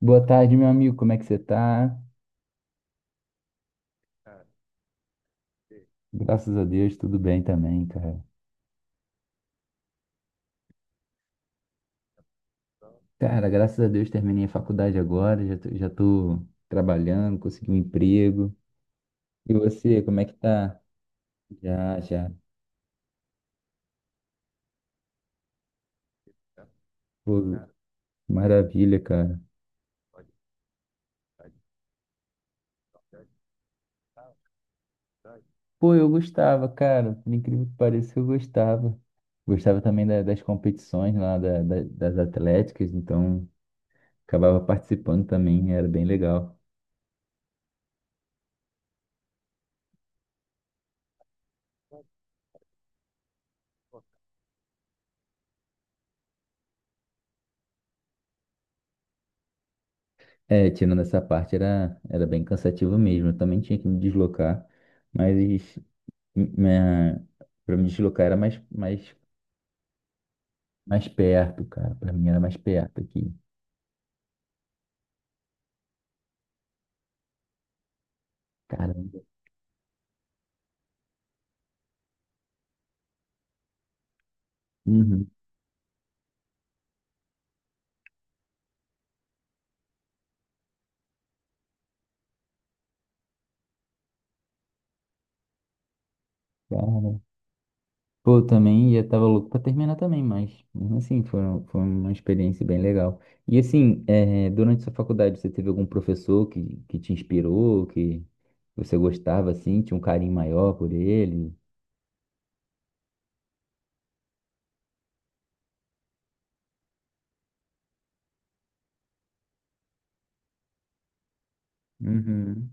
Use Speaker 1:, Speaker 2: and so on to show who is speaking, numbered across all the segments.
Speaker 1: Boa tarde, meu amigo. Como é que você tá? Graças a Deus, tudo bem também, cara. Cara, graças a Deus terminei a faculdade agora, já tô trabalhando, consegui um emprego. E você, como é que tá? Já, já. Pô, maravilha, cara. Pô, eu gostava, cara. Por incrível que pareça, eu gostava. Gostava também das competições lá, das atléticas, então acabava participando também, era bem legal. É, tirando essa parte era bem cansativo mesmo. Eu também tinha que me deslocar, mas minha, pra me deslocar era mais perto, cara. Pra mim era mais perto aqui. Caramba. Uhum. Cara. Pô, eu também já tava louco pra terminar também, mas mesmo assim foi uma experiência bem legal. E assim, é, durante sua faculdade, você teve algum professor que te inspirou, que você gostava assim, tinha um carinho maior por ele? Uhum.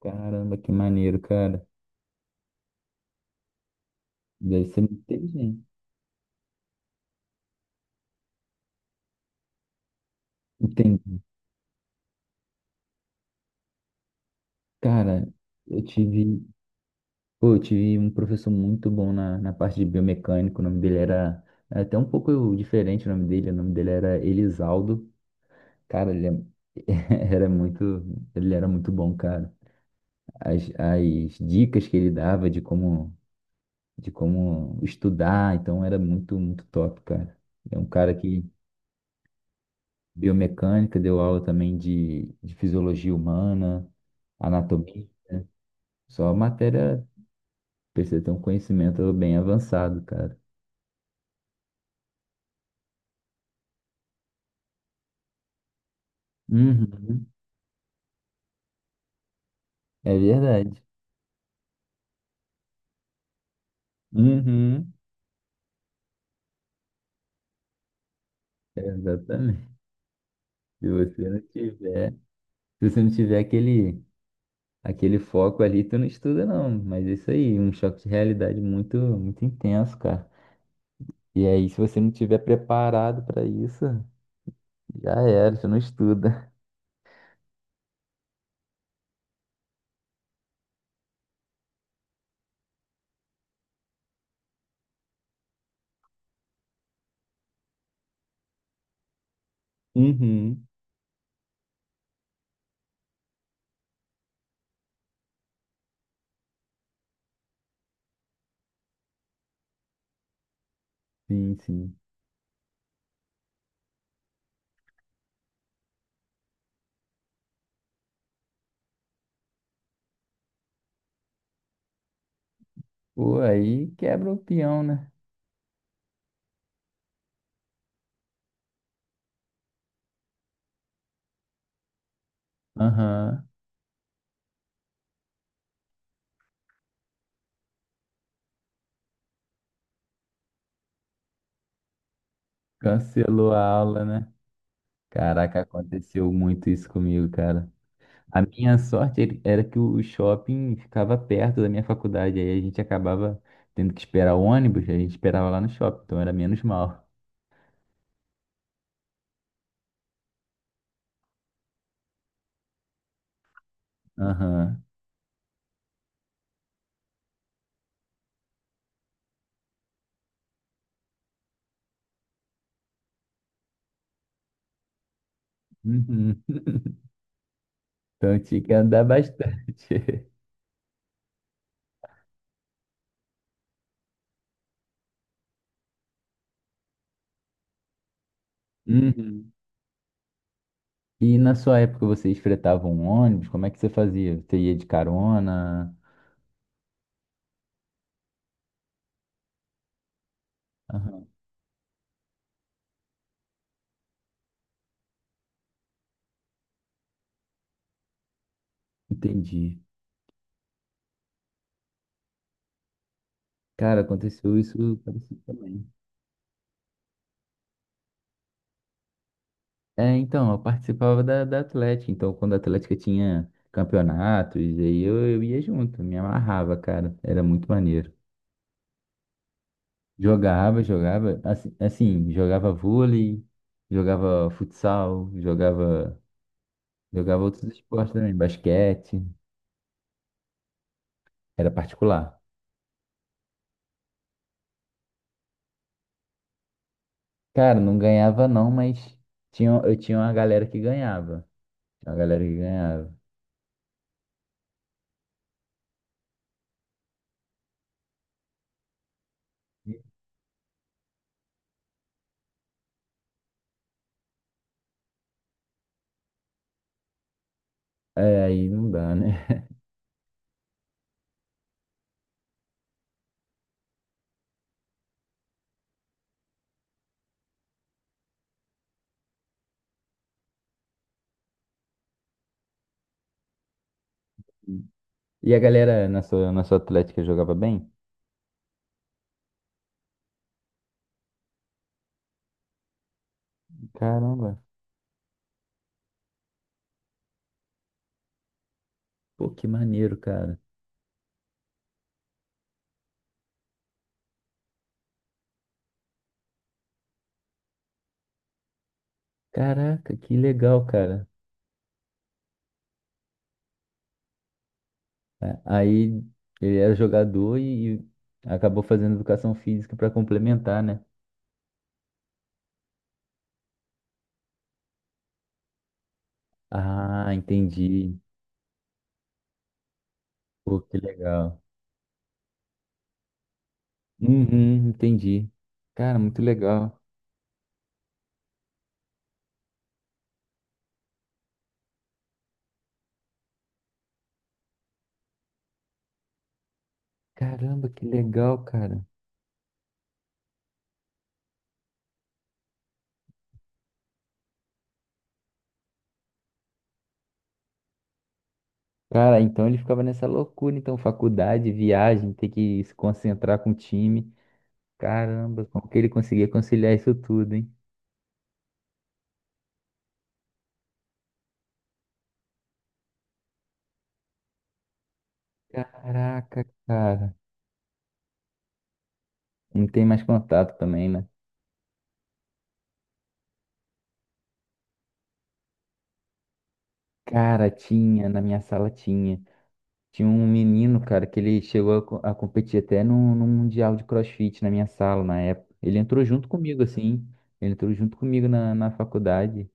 Speaker 1: Caramba, que maneiro, cara. Deve ser muito inteligente. Entendi. Cara, eu tive, pô, eu tive um professor muito bom na, na parte de biomecânico. O nome dele era é até um pouco diferente o nome dele. O nome dele era Elisaldo. Cara, ele é- era muito, ele era muito bom, cara. As dicas que ele dava de como estudar, então era muito, muito top, cara. É um cara que biomecânica, deu aula também de fisiologia humana, anatomia. Só matéria precisa ter um conhecimento bem avançado, cara. Uhum. É verdade. Uhum. Exatamente. Se você não tiver, se você não tiver aquele, aquele foco ali, tu não estuda não. Mas é isso aí, um choque de realidade muito, muito intenso, cara. E aí, se você não tiver preparado para isso, já era, você não estuda. Uhum. Sim, sim. Pô, aí quebra o peão, né? Aham. Cancelou a aula, né? Caraca, aconteceu muito isso comigo, cara. A minha sorte era que o shopping ficava perto da minha faculdade, aí a gente acabava tendo que esperar o ônibus, a gente esperava lá no shopping, então era menos mal. Aham. Uhum. Então tinha que andar bastante. Uhum. E na sua época vocês fretavam um ônibus? Como é que você fazia? Você ia de carona? Aham. Entendi. Cara, aconteceu isso parecido também. É, então, eu participava da Atlética. Então, quando a Atlética tinha campeonatos, aí eu ia junto, me amarrava, cara. Era muito maneiro. Jogava, assim, assim, jogava vôlei, jogava futsal, jogava, jogava outros esportes também, basquete, era particular. Cara, não ganhava não, mas tinha, eu tinha uma galera que ganhava. Tinha uma galera que ganhava. É, aí não dá, né? E a galera na sua Atlética jogava bem? Caramba. Pô, que maneiro, cara. Caraca, que legal, cara. Aí ele era jogador e acabou fazendo educação física para complementar, né? Ah, entendi. Pô, que legal. Uhum, entendi. Cara, muito legal. Caramba, que legal, cara. Cara, então ele ficava nessa loucura, então, faculdade, viagem, ter que se concentrar com o time. Caramba, como que ele conseguia conciliar isso tudo, hein? Caraca, cara. Não tem mais contato também, né? Cara, tinha, na minha sala tinha. Tinha um menino, cara, que ele chegou a, a competir até num mundial de CrossFit na minha sala na época. Ele entrou junto comigo, assim. Ele entrou junto comigo na, na faculdade.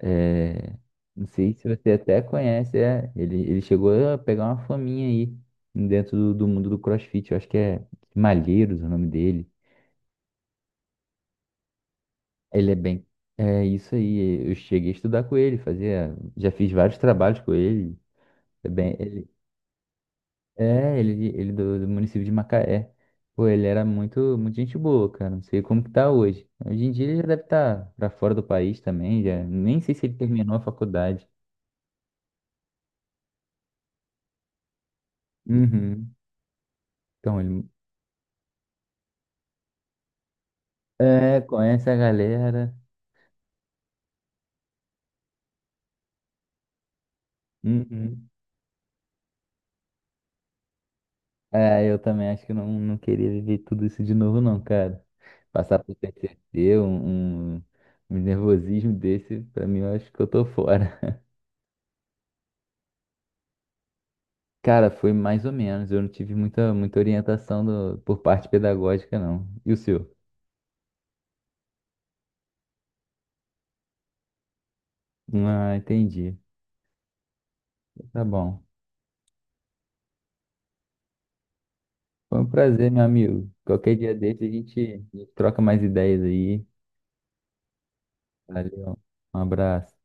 Speaker 1: É, não sei se você até conhece, é. Ele chegou a pegar uma faminha aí dentro do, do mundo do CrossFit. Eu acho que é Malheiros o nome dele. Ele é bem. É isso aí. Eu cheguei a estudar com ele, fazia. Já fiz vários trabalhos com ele. É bem. Ele é, ele do, do município de Macaé. Pô, ele era muito, muito gente boa, cara. Não sei como que tá hoje. Hoje em dia ele já deve estar pra fora do país também, já. Nem sei se ele terminou a faculdade. Uhum. Então ele é, conhece a galera. Uhum. É, eu também acho que não, não queria viver tudo isso de novo, não, cara. Passar por PTSD, um nervosismo desse, pra mim eu acho que eu tô fora. Cara, foi mais ou menos. Eu não tive muita, muita orientação por parte pedagógica, não. E o seu? Ah, entendi. Tá bom. Foi um prazer, meu amigo. Qualquer dia desse a gente troca mais ideias aí. Valeu. Um abraço.